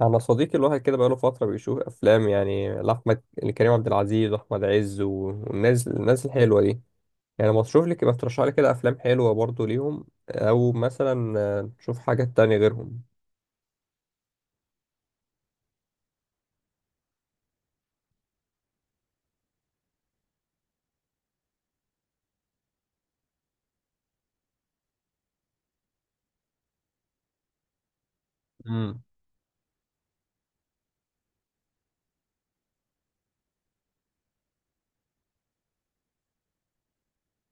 انا صديقي الواحد كده بقاله فتره بيشوف افلام يعني لاحمد لكريم عبد العزيز واحمد عز والناس الحلوه دي. يعني ما تشوف لي كده ترشح لي كده افلام حلوه برضو ليهم او مثلا تشوف حاجات تانية غيرهم. امم.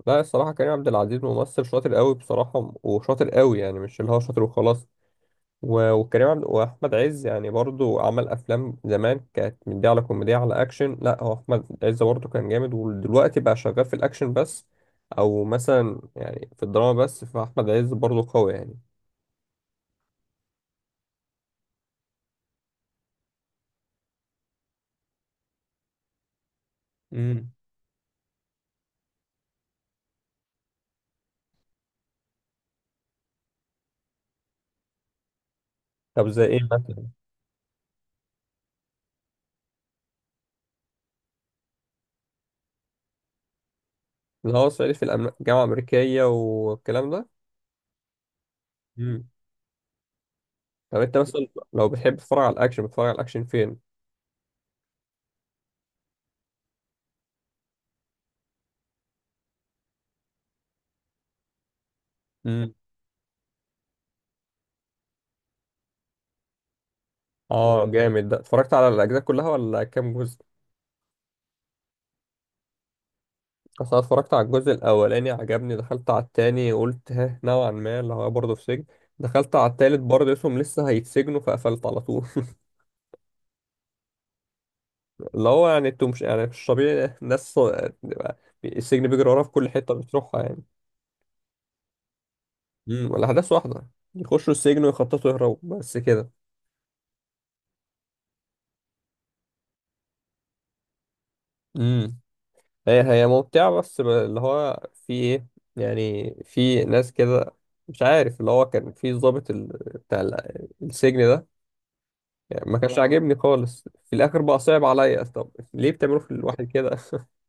لا الصراحه كريم عبد العزيز ممثل شاطر قوي بصراحه وشاطر قوي، يعني مش اللي هو شاطر وخلاص. وكريم عبد واحمد عز يعني برضو عمل افلام زمان كانت من دي، على كوميديا على اكشن. لا هو احمد عز برضو كان جامد ودلوقتي بقى شغال في الاكشن بس، او مثلا يعني في الدراما بس. فاحمد عز برضو قوي يعني. امم. طب زي ايه مثلا؟ اللي هو صعيدي في الجامعه الامريكيه والكلام ده. امم. طب انت مثلا لو بتحب تتفرج على الاكشن، بتتفرج على الاكشن فين؟ امم. اه جامد ده، اتفرجت على الاجزاء كلها ولا كام جزء؟ بس انا اتفرجت على الجزء الاولاني عجبني، دخلت على التاني قلت ها نوعا ما اللي هو برضه في سجن، دخلت على التالت برضه اسمهم لسه هيتسجنوا فقفلت على طول. اللي هو يعني انتوا مش يعني مش طبيعي ناس، بيبقى السجن بيجري وراها في كل حتة بتروحها يعني. امم. الاحداث واحدة، يخشوا السجن ويخططوا يهربوا بس كده. امم. هي ممتعة، بس اللي هو في ايه، يعني في ناس كده مش عارف، اللي هو كان في ضابط بتاع السجن ده، يعني ما كانش عاجبني خالص في الاخر. بقى صعب عليا، طب ليه بتعملوا في الواحد كده؟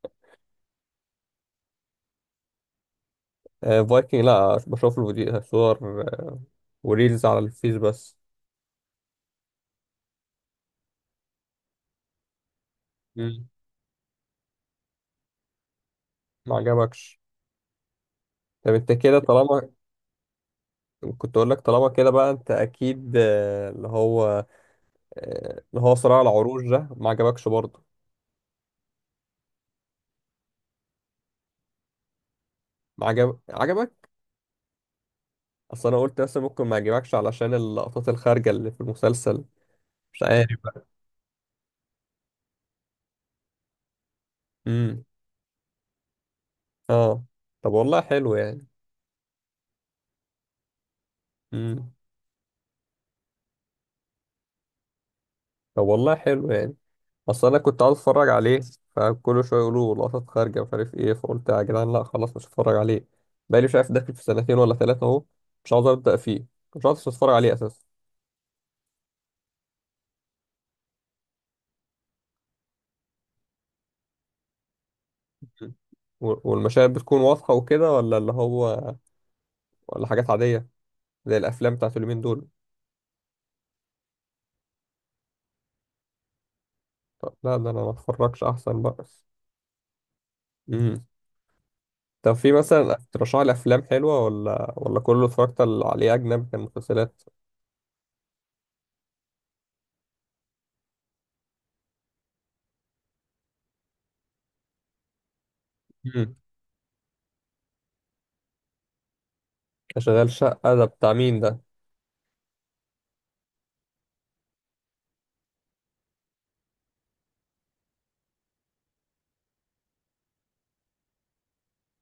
فايكنج لا، بشوف له صور آه، وريلز على الفيس بس. مم. ما عجبكش؟ طب انت كده طالما كنت اقول لك، طالما كده بقى انت اكيد اللي هو اللي هو صراع العروش ده ما عجبكش برضه؟ ما عجبك. اصل انا قلت مثلا ممكن ما يعجبكش علشان اللقطات الخارجه اللي في المسلسل، مش عارف. امم. اه. طب والله حلو يعني. امم. طب والله حلو يعني. اصل انا كنت عاوز اتفرج عليه، فكل شويه يقولوا لقطات خارجه مش عارف ايه، فقلت يا جدعان لا خلاص مش هتفرج عليه. بقالي مش عارف داخل في سنتين ولا ثلاثه اهو مش عاوز ابدا فيه، مش عاوز اتفرج عليه اساسا. مم. والمشاهد بتكون واضحه وكده، ولا اللي هو ولا حاجات عاديه زي الافلام بتاعت اليومين دول؟ طب لا، ده انا ما اتفرجش احسن بقى. امم. طب في مثلا ترشح لي افلام حلوه، ولا كله اتفرجت عليه اجنبي كان مسلسلات؟ امم. شغال شقه ده بتاع مين ده؟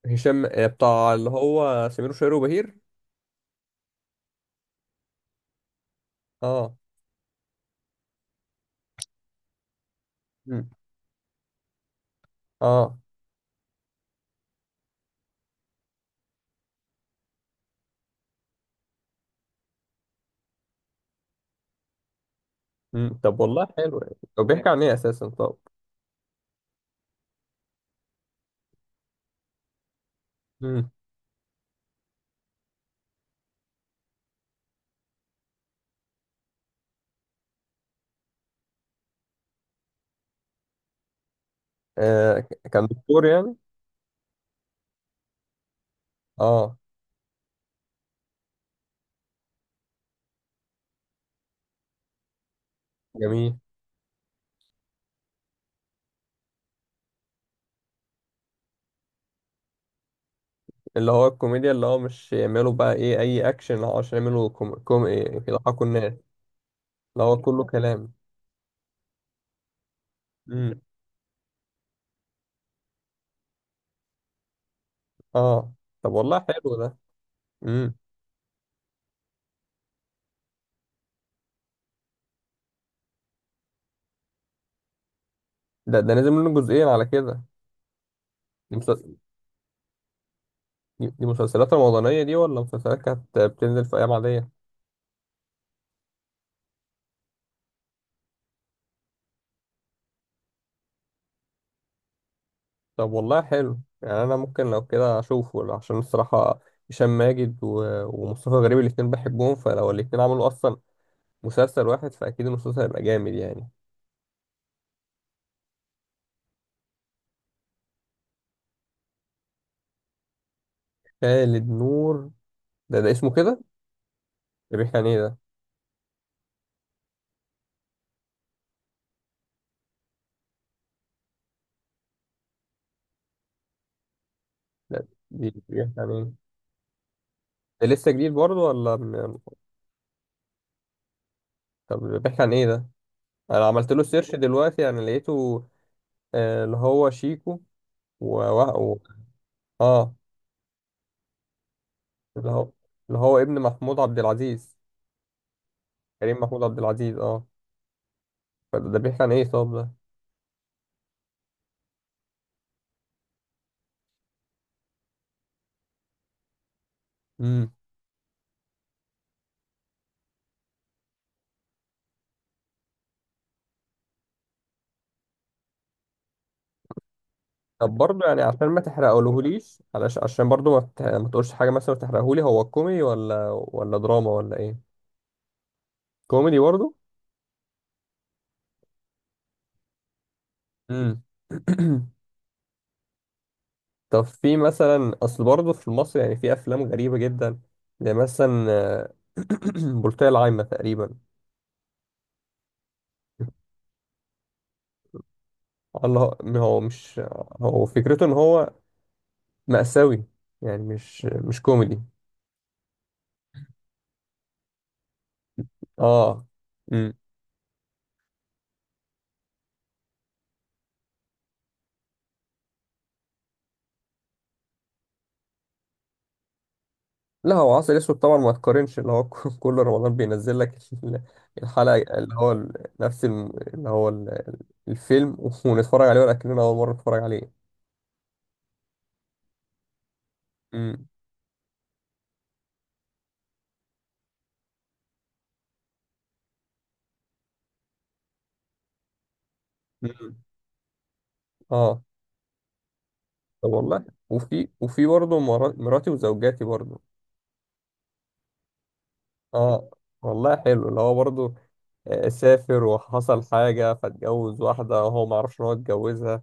هشام بتاع اللي هو سمير وشهير وبهير. اه. مم. اه. مم. طب والله حلو يعني، طب بيحكي عن ايه اساسا طب؟ مم. كان دكتور يعني؟ اه جميل. اللي هو الكوميديا، اللي هو مش يعملوا بقى ايه اي اكشن، اللي هو عشان يعملوا كوم ايه يضحكوا الناس. اللي هو كله كلام. مم. اه. طب والله حلو ده. مم. ده ده نازل منه جزئين على كده؟ دي, مسل... دي مسلسلات رمضانية دي، ولا مسلسلات كانت بتنزل في ايام عادية؟ طب والله حلو يعني، انا ممكن لو كده اشوفه، عشان الصراحه هشام ماجد ومصطفى غريب الاتنين بحبهم، فلو الاتنين عملوا اصلا مسلسل واحد فاكيد المسلسل هيبقى جامد يعني. خالد نور، ده ده اسمه كده؟ ده بيحكي عن ايه ده؟ بيحكي عن ايه؟ ده لسه جديد برضه ولا طب بيحكي عن ايه ده؟ انا عملت له سيرش دلوقتي يعني لقيته اللي هو شيكو و... و... و- اه. اللي هو ابن محمود عبد العزيز، كريم محمود عبد العزيز اه. فده ده بيحكي عن ايه طب؟ ده طب برضه يعني عشان ما تحرقهوليش، علشان عشان برضه ما تقولش حاجه مثلا وتحرقهولي. هو كوميدي ولا دراما ولا ايه؟ كوميدي برضه؟ امم. طب في مثلا، اصل برضه في مصر يعني في افلام غريبه جدا، زي مثلا بلطية العايمه تقريبا. الله، هو مش، هو فكرته ان هو مأساوي، يعني مش مش كوميدي. اه لا هو عسل اسود طبعا ما تقارنش. اللي هو كل رمضان بينزل لك ال- الحلقة، اللي هو نفس اللي هو الفيلم، ونتفرج عليه ولا كأننا أول مرة نتفرج عليه. امم. امم. اه. طب والله، وفي برضه مراتي وزوجاتي برضه. اه والله حلو اللي هو برضه، سافر وحصل حاجة فاتجوز واحدة وهو ما عرفش إن هو اتجوزها،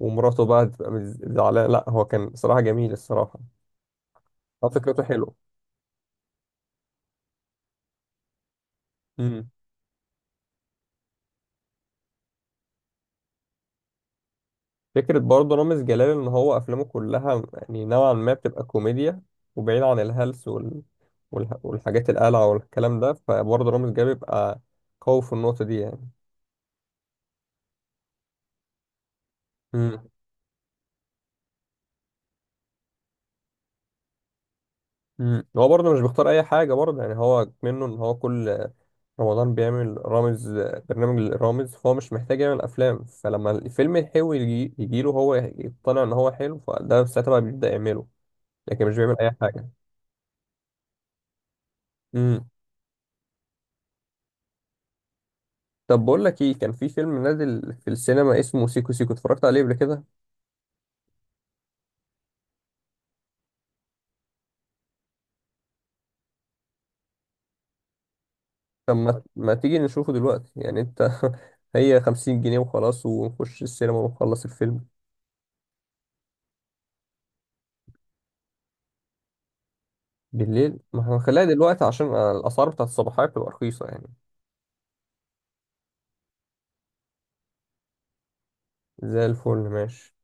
ومراته بقى تبقى زعلانة. لا هو كان صراحة جميل الصراحة. فكرته حلوة. فكرة برضه رامز جلال إن هو أفلامه كلها يعني نوعا ما بتبقى كوميديا، وبعيد عن والحاجات القلعة والكلام ده، فبرضه رامز جلال بيبقى قوي في النقطة دي يعني. مم. مم. هو برضه مش بيختار أي حاجة برضه، يعني هو منه إن هو كل رمضان بيعمل رامز برنامج للرامز، فهو مش محتاج يعمل أفلام، فلما الفيلم الحلو يجيله هو يقتنع إن هو حلو، فده ساعتها بقى بيبدأ يعمله، لكن مش بيعمل أي حاجة. مم. طب بقول لك ايه، كان في فيلم نازل في السينما اسمه سيكو سيكو، اتفرجت عليه قبل كده؟ طب ما تيجي نشوفه دلوقتي يعني انت؟ هي 50 جنيه وخلاص، ونخش السينما ونخلص الفيلم. بالليل ما هنخليها دلوقتي، عشان الاسعار بتاعت الصباحية بتبقى رخيصة يعني. زي الفل، ماشي.